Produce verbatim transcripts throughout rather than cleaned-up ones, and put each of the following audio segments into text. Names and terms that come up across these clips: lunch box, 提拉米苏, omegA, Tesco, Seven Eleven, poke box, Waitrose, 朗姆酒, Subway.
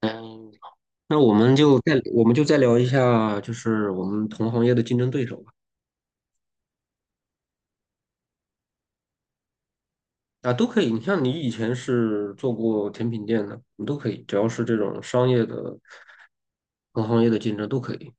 嗯，那我们就再我们就再聊一下，就是我们同行业的竞争对手吧。啊，都可以。你像你以前是做过甜品店的，你都可以，只要是这种商业的同行业的竞争都可以。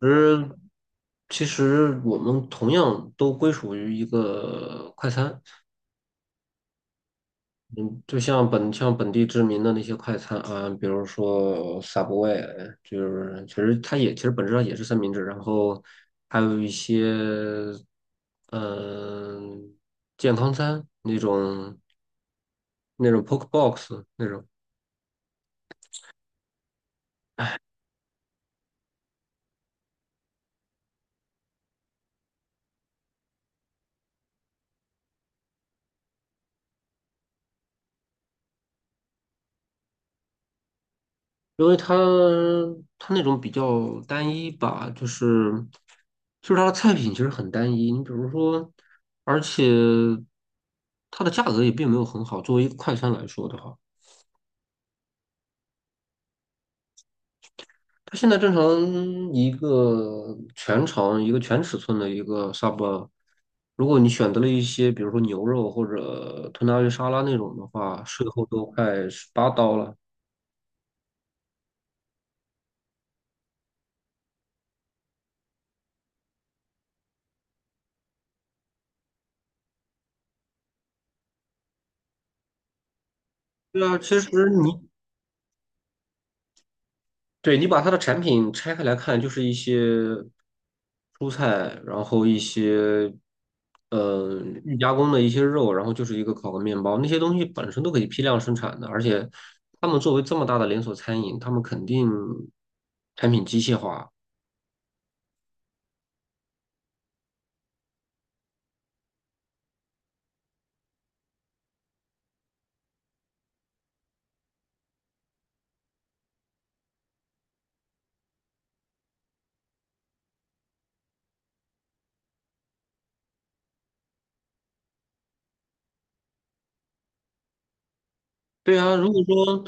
其实，其实我们同样都归属于一个快餐。嗯，就像本像本地知名的那些快餐啊，比如说 Subway，就是其实它也其实本质上也是三明治，然后还有一些嗯、健康餐那种那种 poke box 那种，因为它它那种比较单一吧，就是就是它的菜品其实很单一，你比如说，而且它的价格也并没有很好，作为一个快餐来说的话。它现在正常一个全长一个全尺寸的一个 sub，如果你选择了一些比如说牛肉或者吞拿鱼沙拉那种的话，税后都快十八刀了。对啊，其实你对，你把它的产品拆开来看，就是一些蔬菜，然后一些呃预加工的一些肉，然后就是一个烤个面包，那些东西本身都可以批量生产的，而且他们作为这么大的连锁餐饮，他们肯定产品机械化。对啊，如果说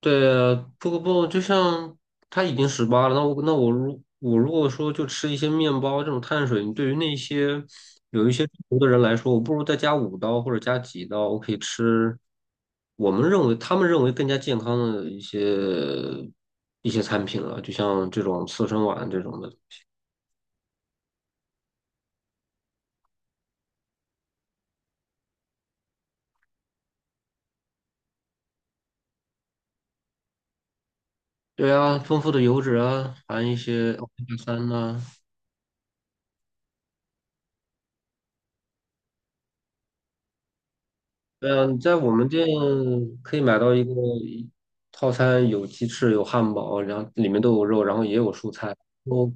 对啊，不不不，就像他已经十八了，那我那我如我如果说就吃一些面包这种碳水，对于那些有一些中毒的人来说，我不如再加五刀或者加几刀，我可以吃我们认为他们认为更加健康的一些一些餐品了，就像这种刺身丸这种的。对啊，丰富的油脂啊，含一些 o m e G A 三呐。对啊，你在我们店可以买到一个一套餐，有鸡翅，有汉堡，然后里面都有肉，然后也有蔬菜。我，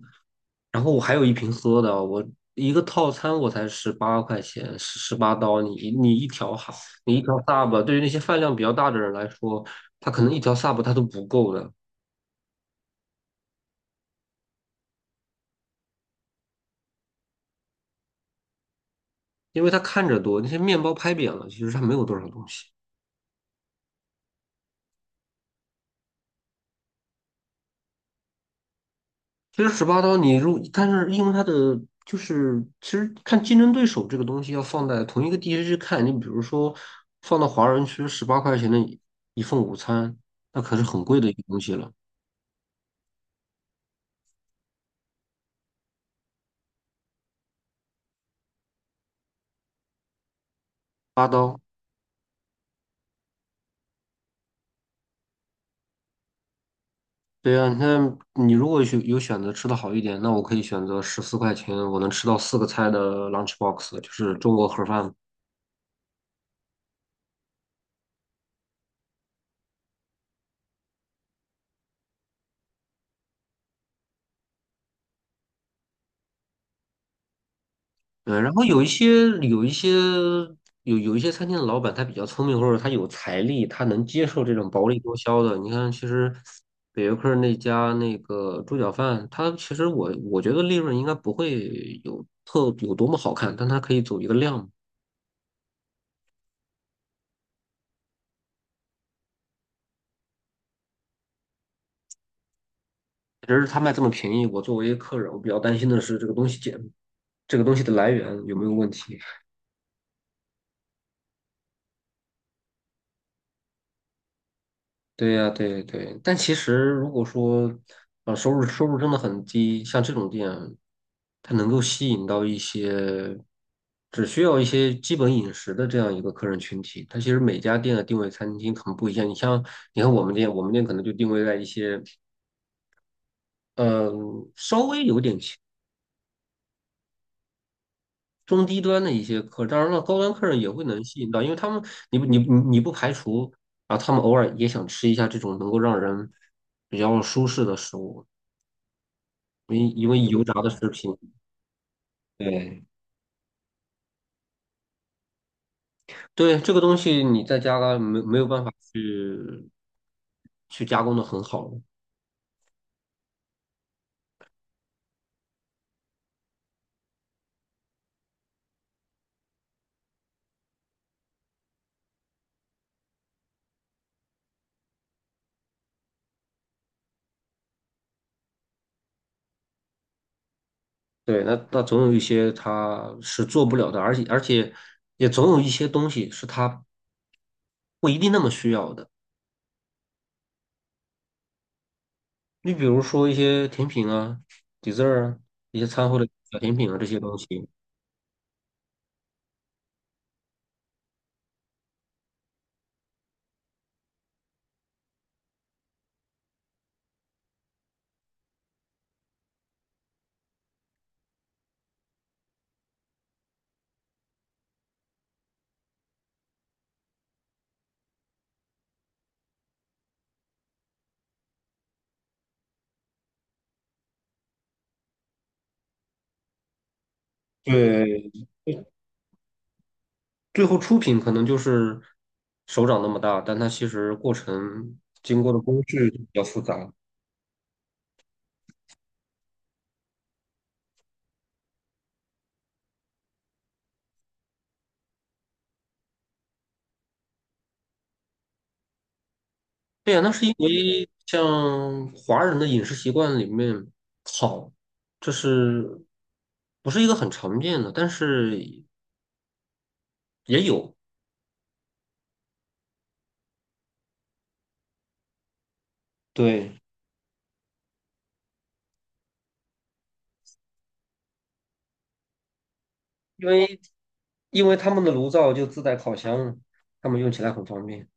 然后我还有一瓶喝的，我一个套餐我才十八块钱，十十八刀。你一你一条哈，你一条 sub，对于那些饭量比较大的人来说，他可能一条 sub 他都不够的，因为他看着多，那些面包拍扁了，其实他没有多少东西。其实十八刀你如，但是因为它的就是，其实看竞争对手这个东西要放在同一个地区去看，你比如说放到华人区，十八块钱的一一份午餐，那可是很贵的一个东西了，八刀。对啊，看你如果有有选择吃的好一点，那我可以选择十四块钱，我能吃到四个菜的 lunch box，就是中国盒饭。嗯，然后有一些有一些有有一些餐厅的老板，他比较聪明，或者他有财力，他能接受这种薄利多销的。你看，其实北约克那家那个猪脚饭，它其实我我觉得利润应该不会有特有多么好看，但它可以走一个量。只是他卖这么便宜，我作为客人，我比较担心的是这个东西简这个东西的来源有没有问题。对呀，对对，但其实如果说，啊，收入收入真的很低，像这种店，它能够吸引到一些只需要一些基本饮食的这样一个客人群体。它其实每家店的定位餐厅很不一样。你像，你看我们店，我们店可能就定位在一些，嗯、稍微有点轻中低端的一些客，当然了，高端客人也会能吸引到，因为他们，你不你不你不排除啊，他们偶尔也想吃一下这种能够让人比较舒适的食物。因因为油炸的食品，对对，这个东西你在加了没没有办法去去加工的很好，对，那那总有一些它是做不了的，而且而且也总有一些东西是它不一定那么需要的，你比如说一些甜品啊、dessert 啊、一些餐后的小甜品啊这些东西，对，最后出品可能就是手掌那么大，但它其实过程经过的工序比较复杂。对呀，那是因为像华人的饮食习惯里面，烤这是不是一个很常见的，但是也有。对，因为因为他们的炉灶就自带烤箱，他们用起来很方便。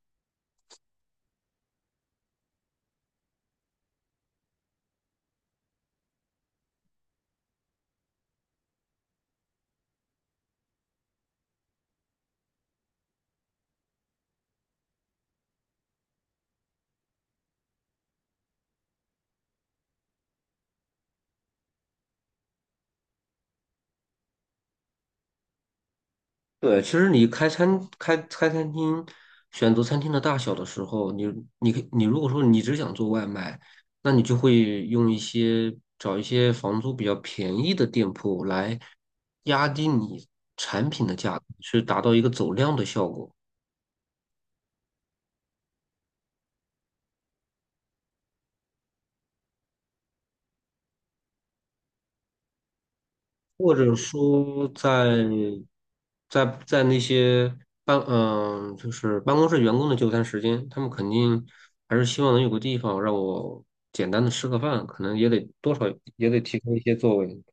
对，其实你开餐开开餐厅，选择餐厅的大小的时候，你你可以你如果说你只想做外卖，那你就会用一些找一些房租比较便宜的店铺来压低你产品的价格，去达到一个走量的效果。或者说在在在那些办嗯、就是办公室员工的就餐时间，他们肯定还是希望能有个地方让我简单的吃个饭，可能也得多少也得提供一些座位。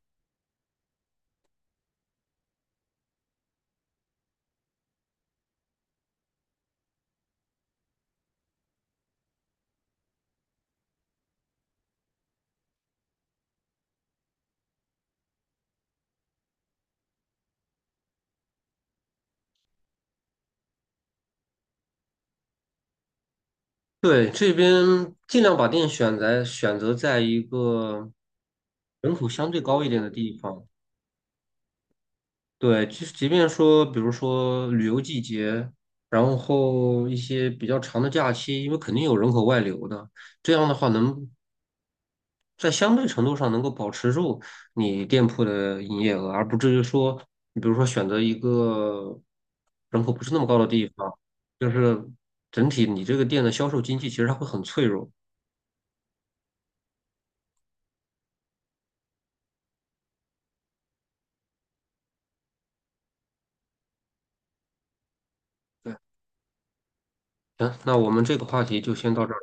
对，这边尽量把店选在选择在一个人口相对高一点的地方。对，即即便说，比如说旅游季节，然后一些比较长的假期，因为肯定有人口外流的，这样的话能在相对程度上能够保持住你店铺的营业额，而不至于说，你比如说选择一个人口不是那么高的地方，就是整体你这个店的销售经济其实它会很脆弱。对，行，那我们这个话题就先到这儿。